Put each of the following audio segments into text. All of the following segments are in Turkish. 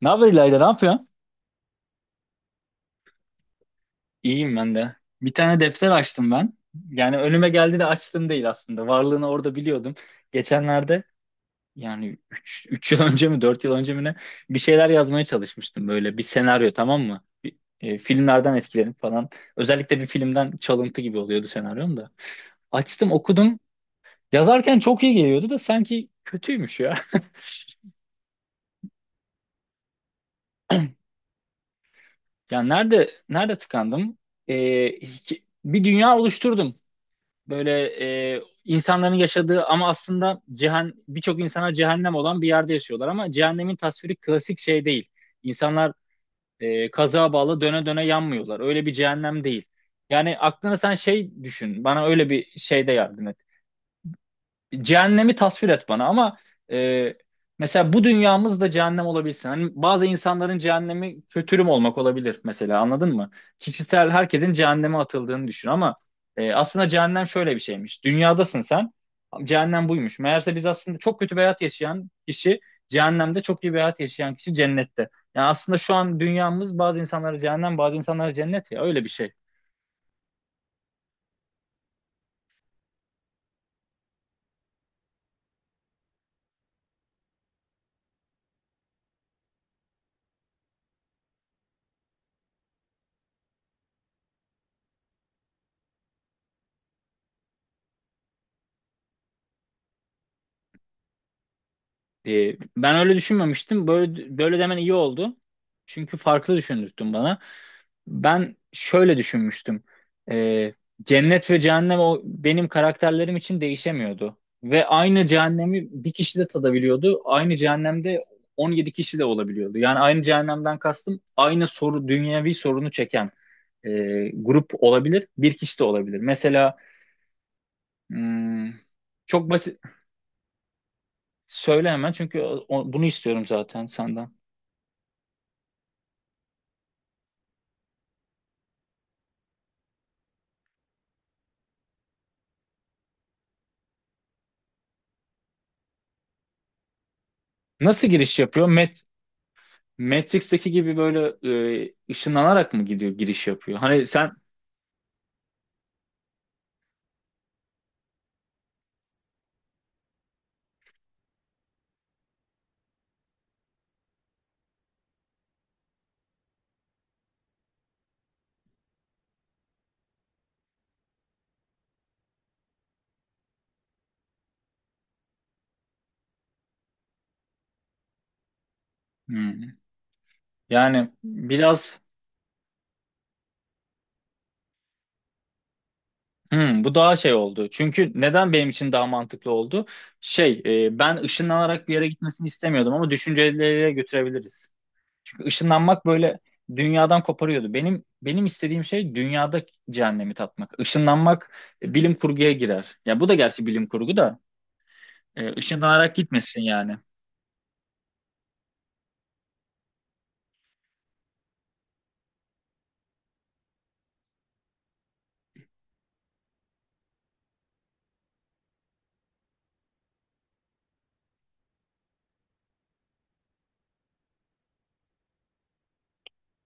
Ne haber İlayda, ne yapıyorsun? İyiyim ben de. Bir tane defter açtım ben. Yani önüme geldi de açtım değil aslında. Varlığını orada biliyordum. Geçenlerde yani üç yıl önce mi 4 yıl önce mi ne bir şeyler yazmaya çalışmıştım, böyle bir senaryo, tamam mı? Bir, filmlerden etkilenip falan. Özellikle bir filmden çalıntı gibi oluyordu senaryom da. Açtım, okudum. Yazarken çok iyi geliyordu da sanki kötüymüş ya. Yani nerede tıkandım? Bir dünya oluşturdum, böyle, insanların yaşadığı ama aslında birçok insana cehennem olan bir yerde yaşıyorlar, ama cehennemin tasviri klasik şey değil. İnsanlar, kazığa bağlı döne döne yanmıyorlar. Öyle bir cehennem değil. Yani aklına sen şey düşün. Bana öyle bir şeyde yardım et. Cehennemi tasvir et bana ama, e, mesela bu dünyamız da cehennem olabilsin. Hani bazı insanların cehennemi kötürüm olmak olabilir mesela, anladın mı? Kişisel herkesin cehenneme atıldığını düşün ama, aslında cehennem şöyle bir şeymiş. Dünyadasın sen. Cehennem buymuş. Meğerse biz aslında çok kötü bir hayat yaşayan kişi cehennemde, çok iyi bir hayat yaşayan kişi cennette. Yani aslında şu an dünyamız bazı insanlara cehennem, bazı insanlara cennet, ya öyle bir şey. Ben öyle düşünmemiştim. Böyle böyle demen iyi oldu. Çünkü farklı düşündürttün bana. Ben şöyle düşünmüştüm. Ee, Cennet ve cehennem o benim karakterlerim için değişemiyordu. Ve aynı cehennemi bir kişi de tadabiliyordu. Aynı cehennemde 17 kişi de olabiliyordu. Yani aynı cehennemden kastım, aynı soru, dünyevi sorunu çeken, e, grup olabilir. Bir kişi de olabilir. Mesela, hmm, çok basit. Söyle hemen, çünkü bunu istiyorum zaten senden. Nasıl giriş yapıyor? Matrix'teki gibi böyle, ışınlanarak mı gidiyor, giriş yapıyor? Hani sen. Hmm. Yani biraz. Bu daha şey oldu. Çünkü neden benim için daha mantıklı oldu? Şey, ben ışınlanarak bir yere gitmesini istemiyordum ama düşünceleriyle götürebiliriz. Çünkü ışınlanmak böyle dünyadan koparıyordu. Benim istediğim şey dünyada cehennemi tatmak. Işınlanmak bilim kurguya girer. Ya bu da gerçi bilim kurgu da, ışınlanarak gitmesin yani.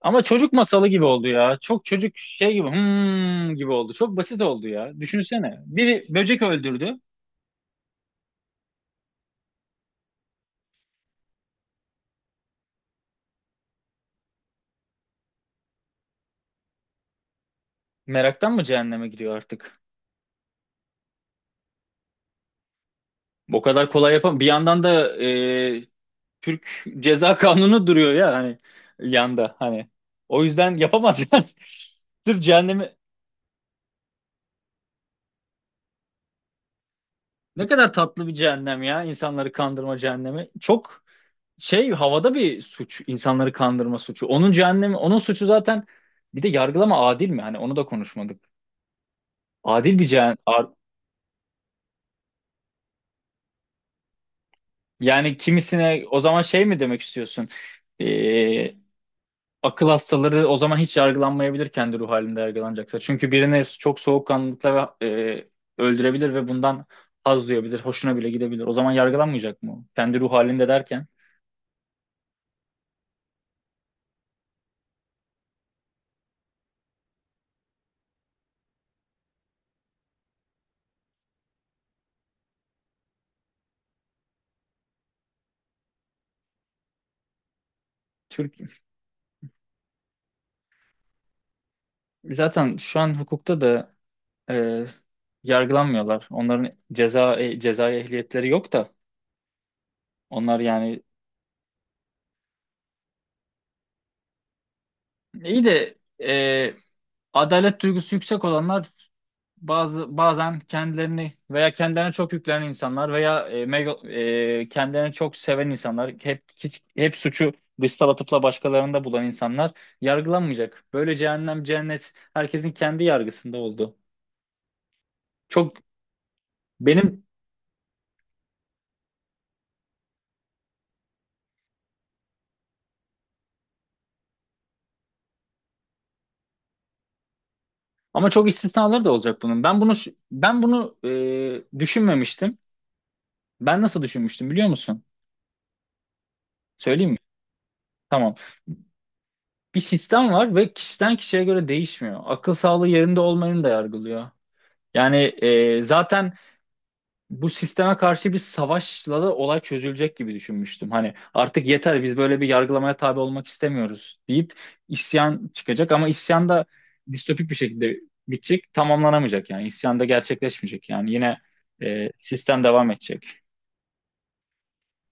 Ama çocuk masalı gibi oldu ya. Çok çocuk şey gibi, gibi oldu. Çok basit oldu ya. Düşünsene. Biri böcek öldürdü. Meraktan mı cehenneme giriyor artık? O kadar kolay yapam. Bir yandan da, Türk Ceza Kanunu duruyor ya, hani yanda hani. O yüzden yapamaz yani. Sırf cehennemi, ne kadar tatlı bir cehennem ya, insanları kandırma cehennemi. Çok şey, havada bir suç, insanları kandırma suçu. Onun cehennemi, onun suçu zaten. Bir de yargılama adil mi? Hani onu da konuşmadık. Adil bir yani kimisine o zaman şey mi demek istiyorsun? Ee, Akıl hastaları o zaman hiç yargılanmayabilir, kendi ruh halinde yargılanacaksa. Çünkü birini çok soğukkanlılıkla ve, öldürebilir ve bundan haz duyabilir, hoşuna bile gidebilir. O zaman yargılanmayacak mı, o? Kendi ruh halinde derken. Türk, zaten şu an hukukta da, e, yargılanmıyorlar. Onların cezai ehliyetleri yok da, onlar yani. İyi de, adalet duygusu yüksek olanlar, bazen kendilerini veya kendilerine çok yüklenen insanlar, veya, kendilerini çok seven insanlar, hep hiç hep suçu dışsal atıfla başkalarında bulan insanlar yargılanmayacak. Böyle cehennem cennet herkesin kendi yargısında oldu. Çok benim Ama çok istisnaları da olacak bunun. Ben bunu düşünmemiştim. Ben nasıl düşünmüştüm, biliyor musun? Söyleyeyim mi? Tamam. Bir sistem var ve kişiden kişiye göre değişmiyor. Akıl sağlığı yerinde olmayanı da yargılıyor. Yani zaten bu sisteme karşı bir savaşla da olay çözülecek gibi düşünmüştüm. Hani artık yeter, biz böyle bir yargılamaya tabi olmak istemiyoruz deyip isyan çıkacak, ama isyan da distopik bir şekilde bitecek, tamamlanamayacak, yani isyan da gerçekleşmeyecek. Yani yine sistem devam edecek.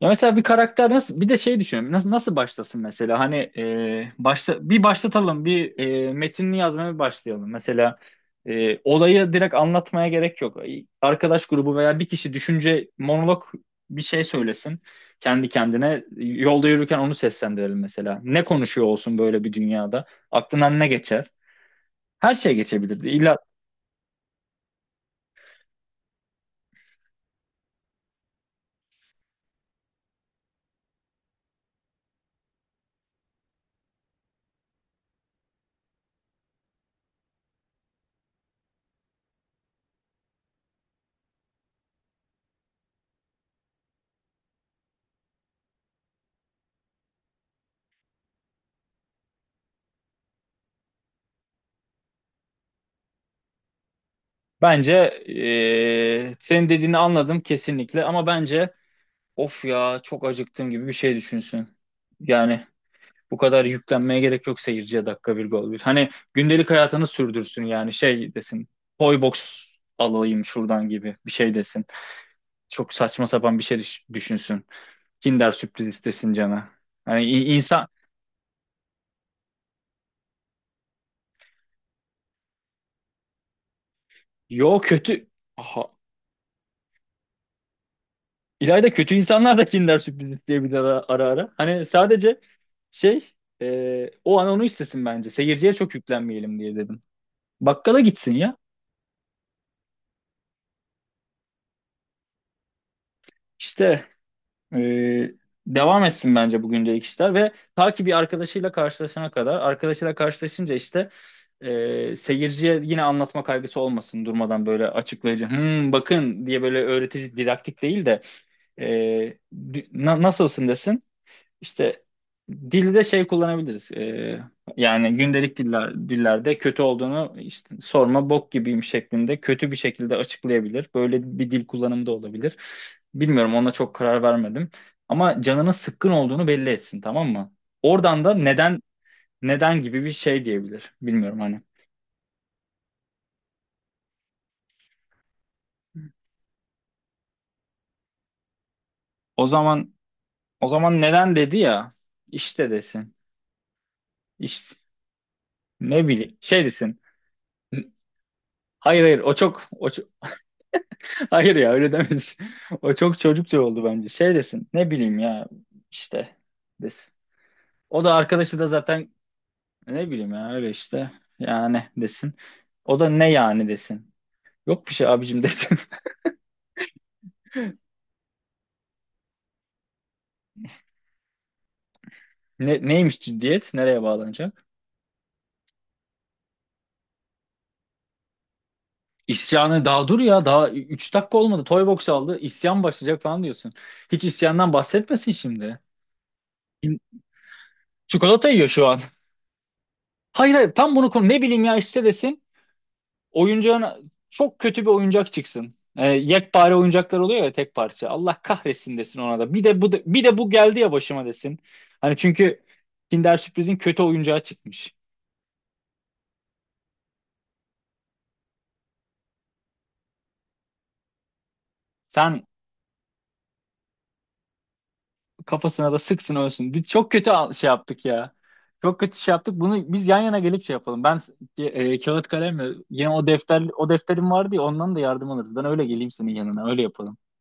Ya mesela, bir karakter nasıl, bir de şey düşünüyorum, nasıl başlasın mesela, hani, e, başla bir başlatalım, bir, metinli yazmaya bir başlayalım mesela, olayı direkt anlatmaya gerek yok, arkadaş grubu veya bir kişi, düşünce monolog, bir şey söylesin, kendi kendine yolda yürürken onu seslendirelim mesela, ne konuşuyor olsun böyle bir dünyada, aklından ne geçer, her şey geçebilirdi, İlla bence, senin dediğini anladım kesinlikle, ama bence, "Of ya, çok acıktım" gibi bir şey düşünsün. Yani bu kadar yüklenmeye gerek yok seyirciye, dakika bir gol bir. Hani gündelik hayatını sürdürsün, yani şey desin. "Toy box alayım şuradan" gibi bir şey desin. Çok saçma sapan bir şey düşünsün. Kinder sürpriz istesin cana. Hani, insan, yo, kötü. Aha. İlayda, kötü insanlar da Kinder sürpriz isteyebilir ara ara. Hani sadece şey, o an onu istesin bence. Seyirciye çok yüklenmeyelim diye dedim. Bakkala gitsin ya. İşte. Ee, Devam etsin bence bu gündelik işler, ve ta ki bir arkadaşıyla karşılaşana kadar. Arkadaşıyla karşılaşınca işte, seyirciye yine anlatma kaygısı olmasın durmadan, böyle açıklayıcı, "Hmm, bakın" diye, böyle öğretici didaktik değil de, e, "Nasılsın?" desin işte. Dilde şey kullanabiliriz. Yani gündelik dillerde kötü olduğunu işte, "sorma, bok gibiyim" şeklinde kötü bir şekilde açıklayabilir. Böyle bir dil kullanımı da olabilir. Bilmiyorum, ona çok karar vermedim. Ama canının sıkkın olduğunu belli etsin, tamam mı? Oradan da "neden neden" gibi bir şey diyebilir. Bilmiyorum hani. O zaman o zaman neden dedi ya, işte desin. İşte, ne bileyim, şey desin. Hayır hayır, o çok o çok Hayır ya, öyle demesin. O çok çocukça oldu bence. Şey desin, ne bileyim ya, işte desin. O da, arkadaşı da zaten, "ne bileyim ya, öyle işte, yani" desin. O da, "ne yani" desin. "Yok bir şey abicim" desin. Neymiş ciddiyet? Nereye bağlanacak? İsyanı daha dur ya, daha 3 dakika olmadı. Toybox aldı, isyan başlayacak falan diyorsun. Hiç isyandan bahsetmesin şimdi. Çikolata yiyor şu an. Hayır hayır, tam bunu konu, "ne bileyim ya işte" desin. Oyuncağın çok kötü bir oyuncak çıksın. Yekpare oyuncaklar oluyor ya, tek parça. "Allah kahretsin" desin ona da. Bir de bu geldi ya başıma" desin. Hani çünkü Kinder Sürpriz'in kötü oyuncağı çıkmış. Sen, kafasına da sıksın, ölsün. Biz çok kötü şey yaptık ya. Çok kötü şey yaptık. Bunu biz yan yana gelip şey yapalım. Ben, kağıt kalemle, yine o defterim vardı ya, ondan da yardım alırız. Ben öyle geleyim senin yanına. Öyle yapalım.